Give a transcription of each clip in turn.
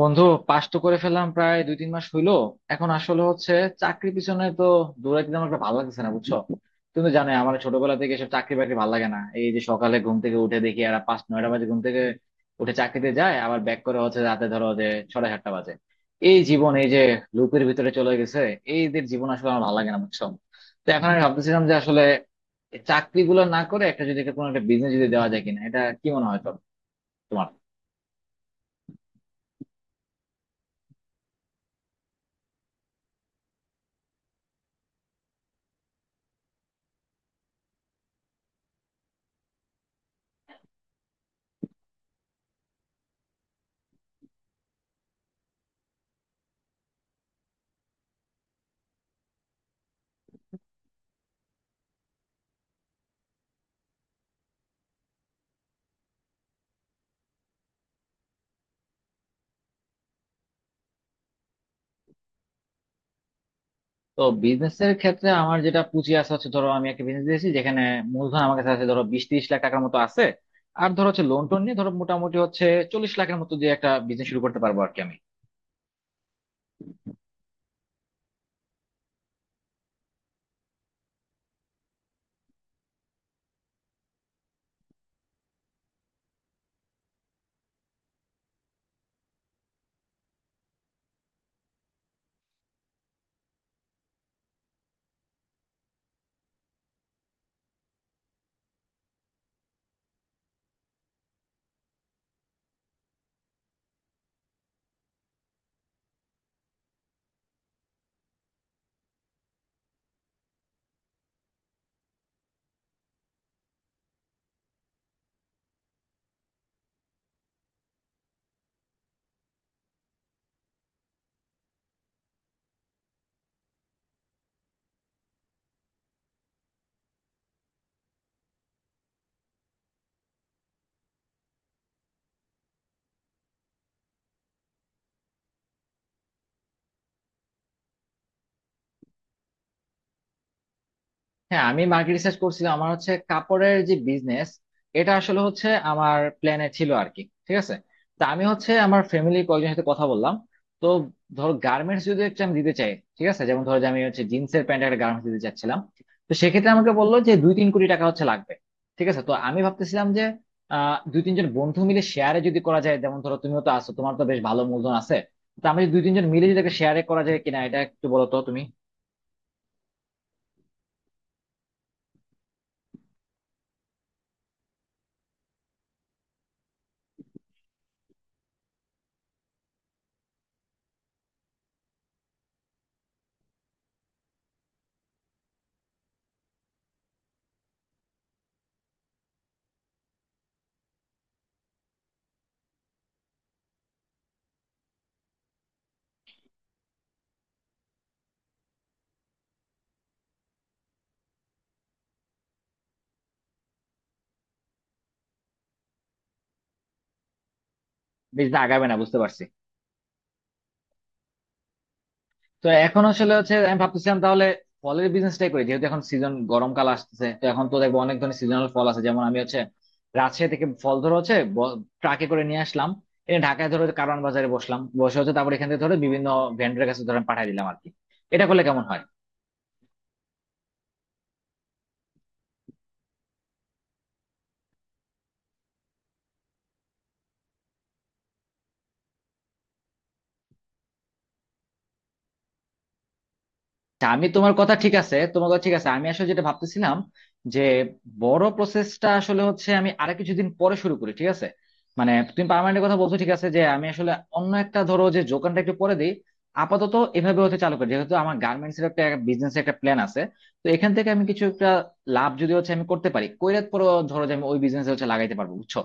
বন্ধু, পাস তো করে ফেললাম প্রায় 2-3 মাস হইলো। এখন আসলে হচ্ছে চাকরি পিছনে তো দৌড়াইতে আমার একটা ভালো লাগতেছে না, বুঝছো? তুমি তো জানো আমার ছোটবেলা থেকে এসব চাকরি বাকরি ভালো লাগে না। এই যে সকালে ঘুম থেকে উঠে দেখি আর পাঁচ নয়টা বাজে, ঘুম থেকে উঠে চাকরিতে যায়, আবার ব্যাক করে হচ্ছে রাতে ধরো যে ছটা সাতটা বাজে। এই জীবন এই যে লুপের ভিতরে চলে গেছে, এইদের জীবন আসলে আমার ভালো লাগে না, বুঝছো? তো এখন আমি ভাবতেছিলাম যে আসলে চাকরি গুলো না করে একটা যদি একটা কোনো একটা বিজনেস যদি দেওয়া যায় কিনা, এটা কি মনে হয় তোমার? তো বিজনেসের ক্ষেত্রে আমার যেটা পুঁজি আছে হচ্ছে, ধরো আমি একটা বিজনেস দিয়েছি যেখানে মূলধন আমার কাছে আছে ধরো 20-30 লাখ টাকার মতো আছে। আর ধরো হচ্ছে লোন টোন নিয়ে ধরো মোটামুটি হচ্ছে 40 লাখের মতো দিয়ে একটা বিজনেস শুরু করতে পারবো আর কি আমি। হ্যাঁ, আমি মার্কেট রিসার্চ করছিলাম। আমার হচ্ছে কাপড়ের যে বিজনেস এটা আসলে হচ্ছে আমার প্ল্যানে ছিল আর কি। ঠিক আছে, তা আমি হচ্ছে আমার ফ্যামিলি কয়েকজনের সাথে কথা বললাম। তো ধরো গার্মেন্টস যদি একটা আমি দিতে চাই, ঠিক আছে, যেমন ধরো যে আমি হচ্ছে জিন্সের প্যান্ট একটা গার্মেন্টস দিতে চাচ্ছিলাম। তো সেক্ষেত্রে আমাকে বললো যে 2-3 কোটি টাকা হচ্ছে লাগবে। ঠিক আছে, তো আমি ভাবতেছিলাম যে 2-3 জন বন্ধু মিলে শেয়ারে যদি করা যায়, যেমন ধরো তুমিও তো আছো, তোমার তো বেশ ভালো মূলধন আছে। তো আমি যদি 2-3 জন মিলে যদি একটা শেয়ারে করা যায় কিনা, এটা একটু বলো তো তুমি। বেশ, দিন আগাবে না বুঝতে পারছি। তো এখন আসলে হচ্ছে আমি ভাবতেছিলাম তাহলে ফলের বিজনেসটাই করি, যেহেতু এখন সিজন গরমকাল আসতেছে। তো এখন তো দেখবো অনেক ধরনের সিজনাল ফল আছে, যেমন আমি হচ্ছে রাজশাহী থেকে ফল ধরে হচ্ছে ট্রাকে করে নিয়ে আসলাম, এনে ঢাকায় ধরে কারওয়ান বাজারে বসলাম, বসে হচ্ছে তারপর এখান থেকে ধরে বিভিন্ন ভেন্ডরের কাছে ধরে পাঠিয়ে দিলাম আর কি। এটা করলে কেমন হয়? আচ্ছা, আমি তোমার কথা ঠিক আছে, আমি আসলে যেটা ভাবতেছিলাম যে বড় প্রসেসটা আসলে হচ্ছে আমি আরো কিছুদিন পরে শুরু করি, ঠিক আছে? মানে তুমি পার্মানেন্টের কথা বলছো, ঠিক আছে, যে আমি আসলে অন্য একটা ধরো যে যোগানটা একটু পরে দিই। আপাতত এভাবে হতে চালু করি, যেহেতু আমার গার্মেন্টস এর একটা বিজনেস একটা প্ল্যান আছে। তো এখান থেকে আমি কিছু একটা লাভ যদি হচ্ছে আমি করতে পারি কইরাত পরে ধরো যে আমি ওই বিজনেস হচ্ছে লাগাইতে পারবো, বুঝছো?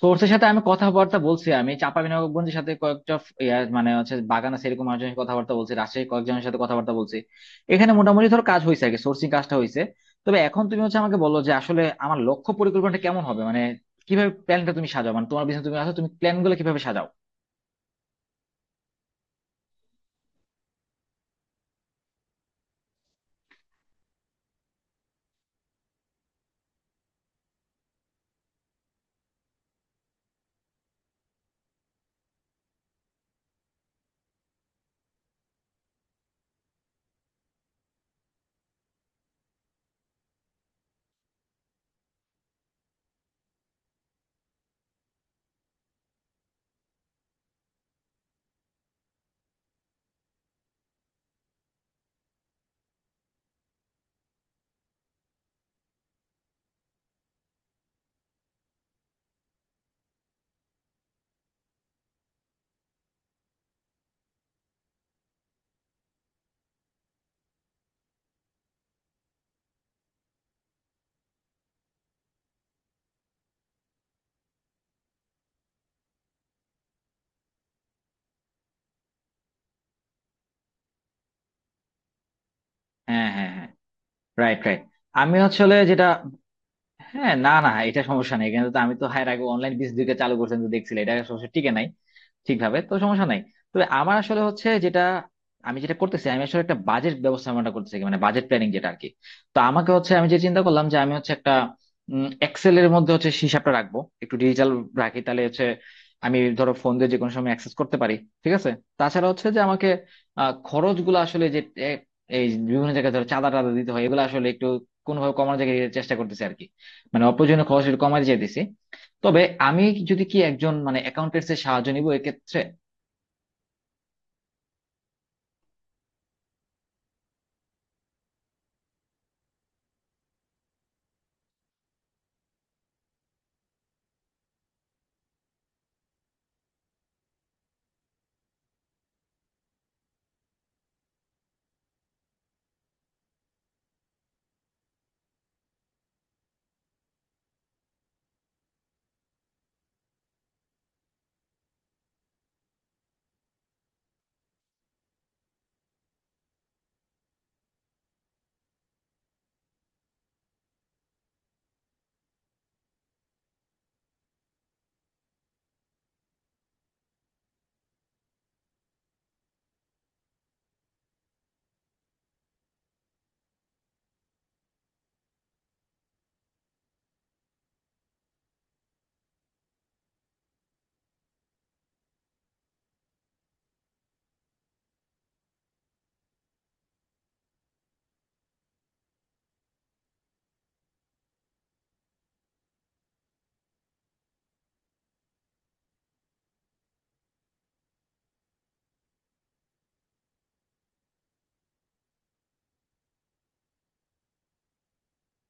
সোর্সের সাথে আমি কথাবার্তা বলছি। আমি চাঁপাবিনগরগঞ্জের সাথে কয়েকটা ইয়া মানে হচ্ছে বাগান আছে এরকম মানুষজনের সাথে কথাবার্তা বলছি, রাজশাহী কয়েকজনের সাথে কথাবার্তা বলছি। এখানে মোটামুটি ধর কাজ হয়েছে, আগে সোর্সিং কাজটা হয়েছে। তবে এখন তুমি হচ্ছে আমাকে বলো যে আসলে আমার লক্ষ্য পরিকল্পনাটা কেমন হবে, মানে কিভাবে প্ল্যানটা তুমি সাজাও, মানে তোমার বিজনেস তুমি আসো, তুমি প্ল্যান গুলো কিভাবে সাজাও। হ্যাঁ, হ্যাঁ, হ্যাঁ। Right, right. আমি আসলে যেটা, হ্যাঁ, না, না, এটা সমস্যা নেই কিন্তু। তো আমি তো এর আগে অনলাইন বিজনেস চালু করছেন, তো দেখছিলাম এটা সমস্যা টিকে নাই ঠিকভাবে, তো সমস্যা নাই। তবে আমার আসলে হচ্ছে যেটা আমি যেটা করতেছি, আমি আসলে একটা বাজেট ব্যবস্থাপনাটা করতেছি, মানে বাজেট প্ল্যানিং যেটা আর কি। তো আমাকে হচ্ছে আমি যে চিন্তা করলাম যে আমি হচ্ছে একটা এক্সেল এর মধ্যে হচ্ছে হিসাবটা রাখবো, একটু ডিজিটাল রাখি তাহলে হচ্ছে আমি ধরো ফোন দিয়ে যে কোনো সময় অ্যাক্সেস করতে পারি, ঠিক আছে। তাছাড়া হচ্ছে যে আমাকে খরচগুলো আসলে যে এ, এই বিভিন্ন জায়গায় ধরো চাঁদা টাদা দিতে হয়, এগুলো আসলে একটু কোনোভাবে কমানোর জায়গায় চেষ্টা করতেছি আর কি। মানে অপ্রয়োজনীয় খরচ একটু কমাতে চাইতেছি। তবে আমি যদি কি একজন মানে অ্যাকাউন্টেন্টস এর সাহায্য নিব এক্ষেত্রে।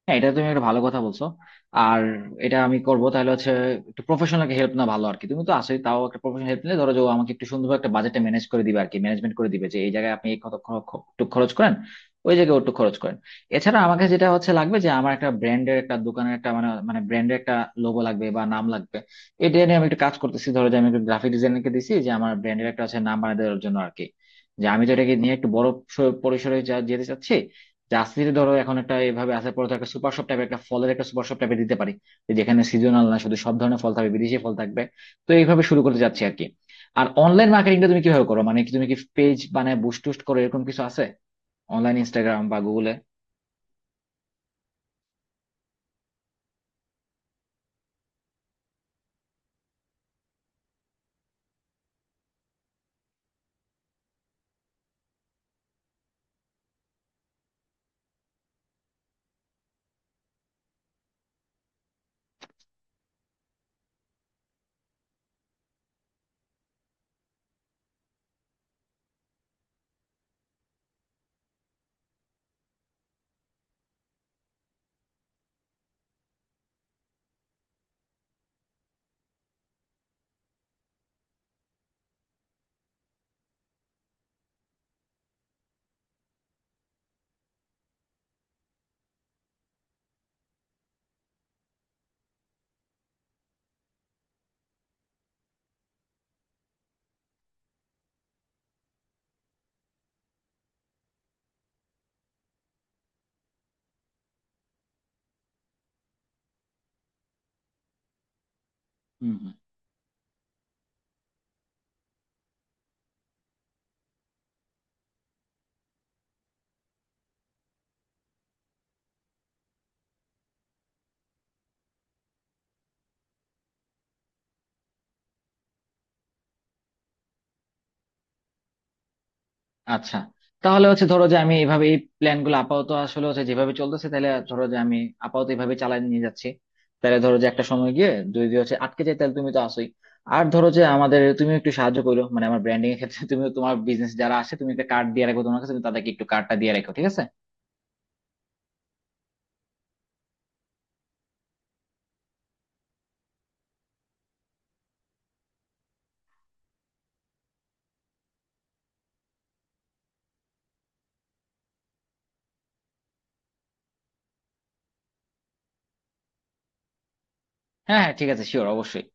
হ্যাঁ, এটা তুমি একটা ভালো কথা বলছো। আর এটা আমি করব তাহলে হচ্ছে একটু প্রফেশনাল হেল্প না ভালো আর কি, তুমি তো আসোই তাও একটা প্রফেশনাল হেল্প নিলে, ধরো যে ও আমাকে একটু সুন্দরভাবে একটা বাজেটটা ম্যানেজ করে দিবে আর কি, ম্যানেজমেন্ট করে দিবে, যে এই জায়গায় আপনি এই কত একটু খরচ করেন, ওই জায়গায় ওটু খরচ করেন। এছাড়া আমাকে যেটা হচ্ছে লাগবে যে আমার একটা ব্র্যান্ডের একটা দোকানের একটা মানে মানে ব্র্যান্ডের একটা লোগো লাগবে বা নাম লাগবে। এটা নিয়ে আমি একটু কাজ করতেছি, ধরো যে আমি একটু গ্রাফিক ডিজাইনারকে দিছি যে আমার ব্র্যান্ডের একটা আছে নাম বানিয়ে দেওয়ার জন্য আর কি। যে আমি তো এটাকে নিয়ে একটু বড় পরিসরে যা যেতে চাচ্ছি। জার্সিতে ধরো এখন একটা এভাবে আসার পর তো একটা সুপার শপ টাইপের একটা ফলের একটা সুপার শপ টাইপের দিতে পারি, যে যেখানে সিজনাল না শুধু, সব ধরনের ফল থাকবে, বিদেশি ফল থাকবে। তো এইভাবে শুরু করতে যাচ্ছি আর কি। আর অনলাইন মার্কেটিংটা তুমি কিভাবে করো, মানে কি তুমি কি পেজ বানায় বুস্ট টুস্ট করো, এরকম কিছু আছে? অনলাইন ইনস্টাগ্রাম বা গুগলে? হম। আচ্ছা, তাহলে হচ্ছে ধরো যে আমি এইভাবে এই প্ল্যান গুলো আপাতত আসলে হচ্ছে যেভাবে চলতেছে, তাহলে ধরো যে আমি আপাতত এইভাবে চালাই নিয়ে যাচ্ছি। তাহলে ধরো যে একটা সময় গিয়ে যদি যদি হচ্ছে আটকে যায় তাহলে তুমি তো আসোই। আর ধরো যে আমাদের তুমি একটু সাহায্য করো, মানে আমার ব্র্যান্ডিং এর ক্ষেত্রে, তুমি তোমার বিজনেস যারা আছে তুমি একটা কার্ড দিয়ে রাখো তোমার কাছে, তুমি তাদেরকে একটু কার্ডটা দিয়ে রাখো, ঠিক আছে? হ্যাঁ, হ্যাঁ, ঠিক আছে, শিওর অবশ্যই।